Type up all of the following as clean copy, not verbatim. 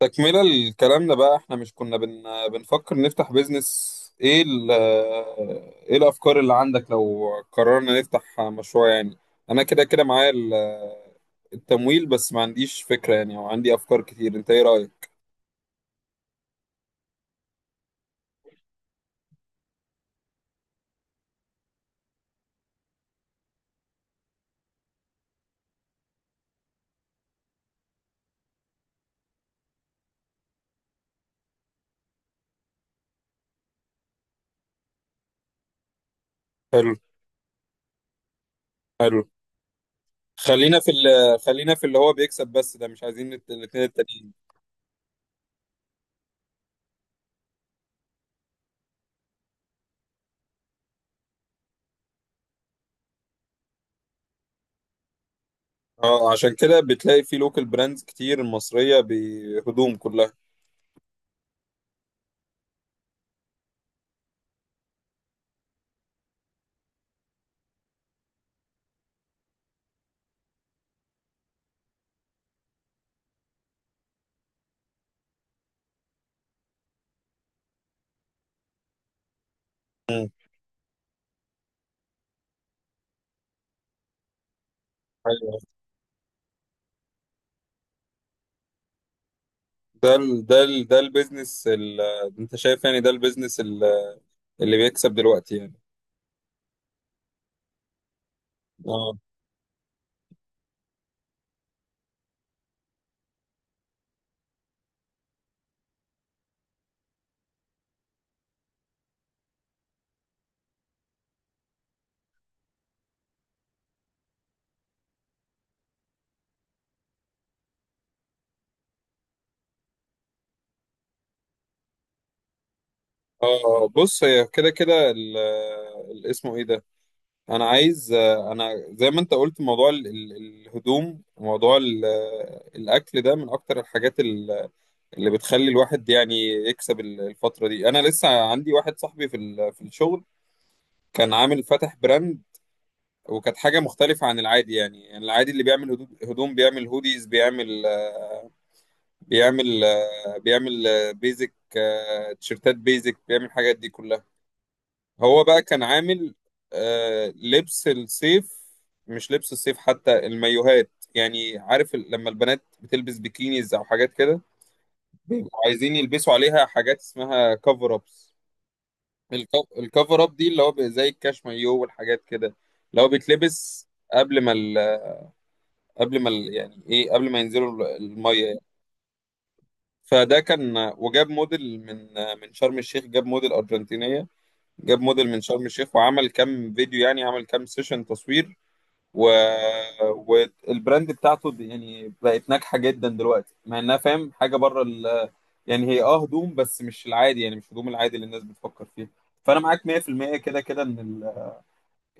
تكملة لكلامنا بقى، احنا مش كنا بنفكر نفتح بيزنس. ايه الافكار اللي عندك لو قررنا نفتح مشروع يعني؟ انا كده كده معايا التمويل، بس ما عنديش فكرة يعني، او عندي افكار كتير. انت ايه رأيك؟ حلو، حلو. خلينا في اللي هو بيكسب بس، ده مش عايزين الاتنين التانيين. اه، عشان كده بتلاقي في لوكال براندز كتير مصرية بهدوم كلها. مم. ده البيزنس انت شايف يعني ده البيزنس اللي بيكسب دلوقتي يعني؟ اه، اه، بص، هي كده كده اسمه ايه ده؟ انا عايز، انا زي ما انت قلت، موضوع الهدوم، موضوع الاكل، ده من اكتر الحاجات اللي بتخلي الواحد يعني يكسب الفترة دي. انا لسه عندي واحد صاحبي في الشغل، كان عامل فاتح براند، وكانت حاجة مختلفة عن العادي. يعني العادي اللي بيعمل هدوم، بيعمل هوديز، بيعمل بيزك، تيشيرتات بيزك، بيعمل الحاجات دي كلها. هو بقى كان عامل لبس الصيف. مش لبس الصيف، حتى المايوهات، يعني عارف لما البنات بتلبس بيكينيز او حاجات كده، بيبقوا عايزين يلبسوا عليها حاجات اسمها كفر ابس. الكفر اب دي اللي هو زي الكاش مايو والحاجات كده، اللي هو بيتلبس قبل ما ينزلوا الميه. فده كان، وجاب موديل من شرم الشيخ. جاب موديل أرجنتينية، جاب موديل من شرم الشيخ وعمل كام فيديو، يعني عمل كام سيشن تصوير. و... والبراند بتاعته يعني بقت ناجحة جدا دلوقتي، مع انها فاهم حاجة بره يعني هي اه، هدوم بس مش العادي، يعني مش هدوم العادي اللي الناس بتفكر فيه. فانا معاك 100% كده كده، ان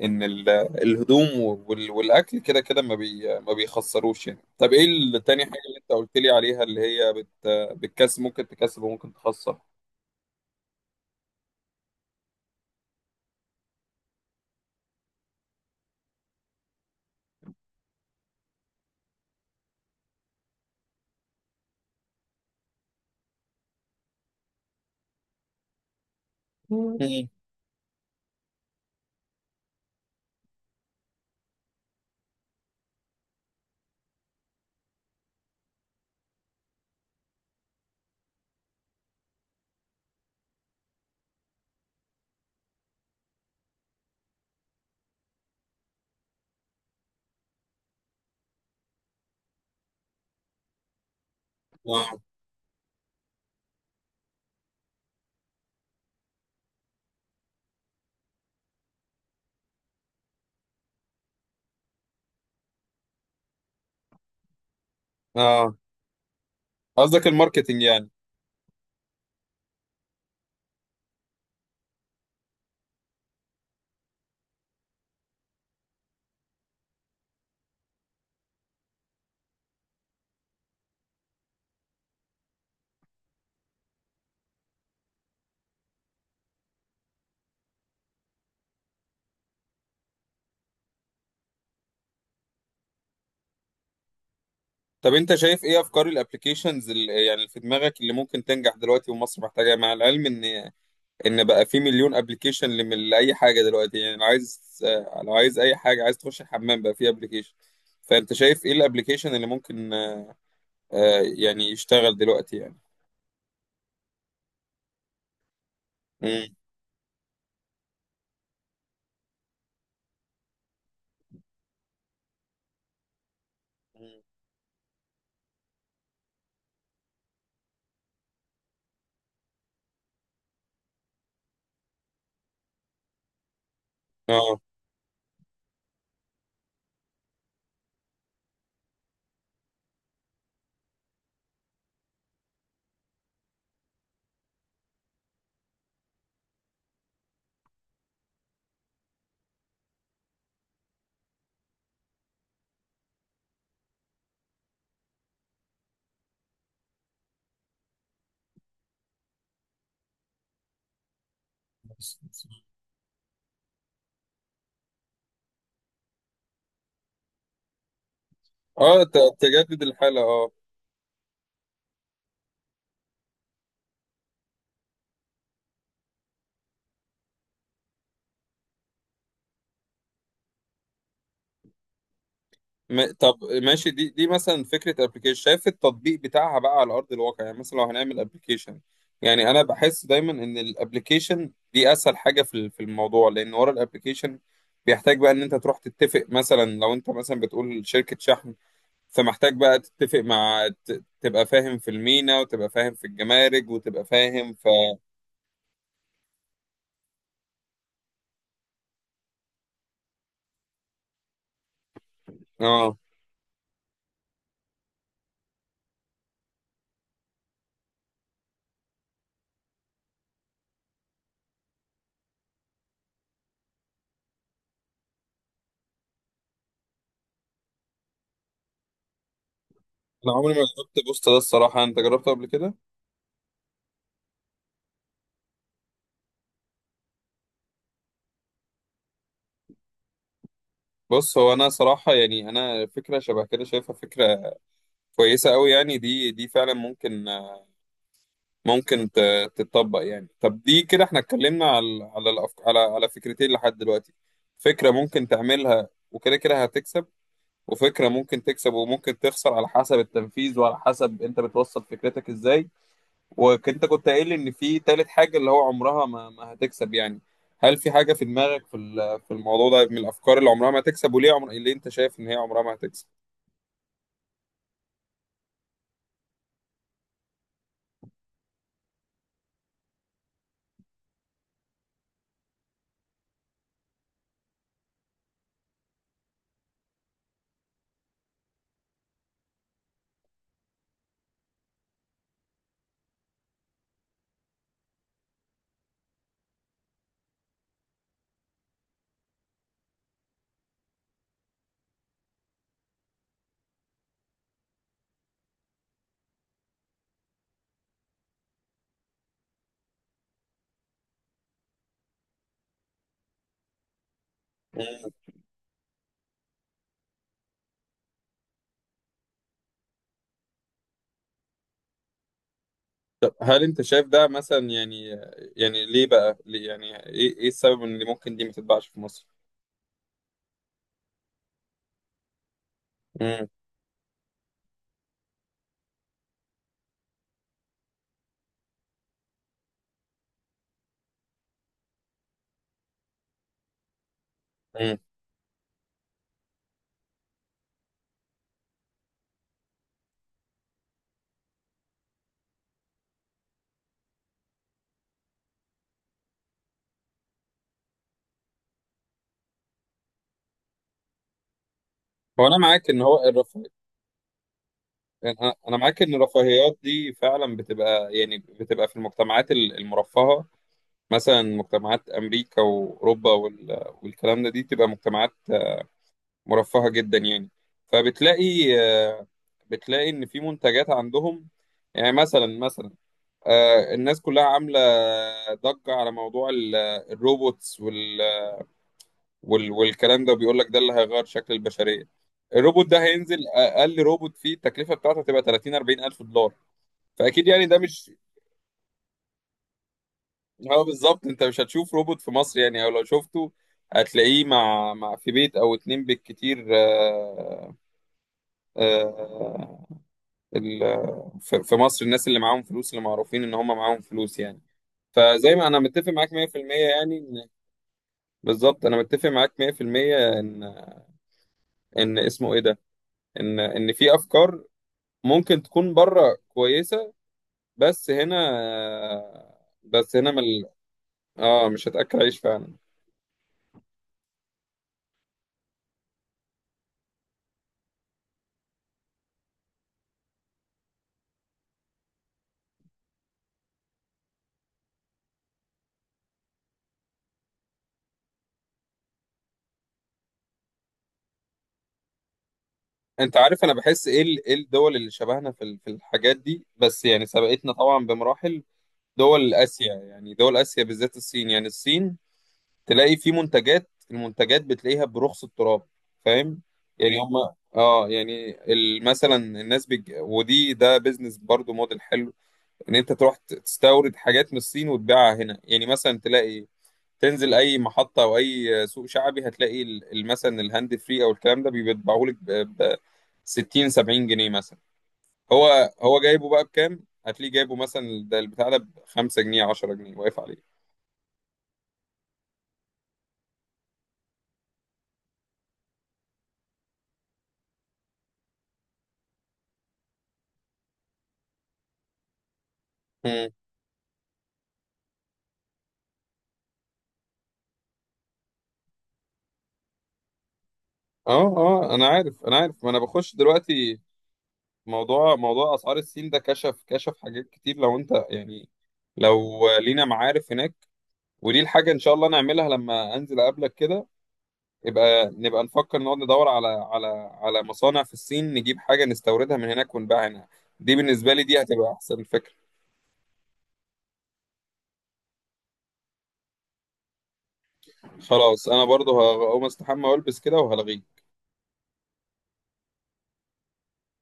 ان ال- الهدوم والاكل كده كده، ما بيخسروش يعني. طب ايه التاني حاجه اللي انت قلت لي عليها، اللي هي بتكسب، ممكن تكسب وممكن تخسر؟ مم. اه، آه. قصدك الماركتينج يعني؟ طب انت شايف ايه افكار الابلكيشنز يعني اللي في دماغك اللي ممكن تنجح دلوقتي، ومصر محتاجاها؟ مع العلم ان بقى في مليون ابلكيشن لاي حاجه دلوقتي، يعني لو عايز اي حاجه، عايز تخش الحمام بقى في ابلكيشن. فانت شايف ايه الابلكيشن اللي ممكن يعني يشتغل دلوقتي يعني؟ مم. مم. اه، اه، تجدد الحالة، اه. طب ماشي. دي مثلا فكرة ابلكيشن، شايف التطبيق بتاعها بقى على ارض الواقع يعني؟ مثلا لو هنعمل ابلكيشن، يعني انا بحس دايما ان الابلكيشن دي اسهل حاجة في الموضوع، لان ورا الابلكيشن بيحتاج بقى ان انت تروح تتفق. مثلا لو انت مثلا بتقول شركة شحن، فمحتاج بقى تتفق مع، تبقى فاهم في المينا، وتبقى فاهم في الجمارك، وتبقى فاهم في... اه، انا عمري ما جربت بوست ده الصراحة. انت جربته قبل كده؟ بص، هو انا صراحه يعني، انا فكره شبه كده شايفها فكره كويسه قوي يعني، دي فعلا ممكن، تتطبق يعني. طب دي كده احنا اتكلمنا على على الأفك... على على فكرتين لحد دلوقتي. فكره ممكن تعملها وكده كده هتكسب، وفكره ممكن تكسب وممكن تخسر على حسب التنفيذ وعلى حسب انت بتوصل فكرتك ازاي. وانت كنت قايل لي ان في تالت حاجه اللي هو عمرها ما هتكسب يعني. هل في حاجه في دماغك في الموضوع ده من الافكار اللي عمرها ما هتكسب، وليه اللي انت شايف ان هي عمرها ما هتكسب؟ مم. طب هل انت شايف ده مثلا يعني، يعني ليه بقى، ليه يعني، ايه السبب ان اللي ممكن دي ما تتباعش في مصر؟ امم. امم. هو انا معاك ان هو الرفاه. أنا معاك ان الرفاهيات دي فعلا بتبقى، يعني بتبقى في المجتمعات المرفهه. مثلا مجتمعات امريكا واوروبا والكلام ده، دي بتبقى مجتمعات مرفهه جدا يعني. فبتلاقي آه، بتلاقي ان في منتجات عندهم. يعني مثلا الناس كلها عاملة ضجة على موضوع الروبوتس والكلام ده، وبيقول لك ده اللي هيغير شكل البشرية. الروبوت ده هينزل، أقل روبوت فيه التكلفة بتاعته هتبقى 30 40 ألف دولار. فأكيد يعني ده مش... هو بالظبط، أنت مش هتشوف روبوت في مصر يعني، أو لو شفته هتلاقيه مع في بيت أو اتنين بالكتير، آه، آه، في مصر الناس اللي معاهم فلوس، اللي معروفين إن هم معاهم فلوس يعني، فزي ما أنا متفق معاك 100% يعني. بالظبط انا متفق معاك 100% ان، ان اسمه ايه ده ان ان في افكار ممكن تكون بره كويسه، بس هنا، بس هنا من ال- اه، مش هتاكل عيش فعلا. انت عارف انا بحس ايه ايه الدول اللي شبهنا في الحاجات دي، بس يعني سبقتنا طبعا بمراحل. دول اسيا، يعني دول اسيا بالذات الصين، يعني الصين، تلاقي في منتجات، المنتجات بتلاقيها برخص التراب فاهم. يعني هم اه، يعني مثلا الناس ودي ده بيزنس برضو موديل حلو، ان انت تروح تستورد حاجات من الصين وتبيعها هنا. يعني مثلا تلاقي، تنزل اي محطة او اي سوق شعبي هتلاقي مثلا الهاند فري او الكلام ده بيتباعهولك ب 60 70 جنيه مثلا. هو جايبه بقى بكام؟ هتلاقيه جايبه مثلا، ده البتاع ده ب 5 جنيه 10 جنيه واقف عليه. اه، اه، انا عارف. ما انا بخش دلوقتي موضوع اسعار السين، ده كشف حاجات كتير. لو انت يعني، لو لينا معارف هناك، ودي الحاجة ان شاء الله نعملها لما انزل اقابلك كده، يبقى نبقى نفكر، نقعد ندور على مصانع في الصين، نجيب حاجة نستوردها من هناك ونبيعها هنا. دي بالنسبة لي، دي هتبقى احسن فكرة. خلاص، انا برضو هقوم استحمى والبس كده، وهلغيك.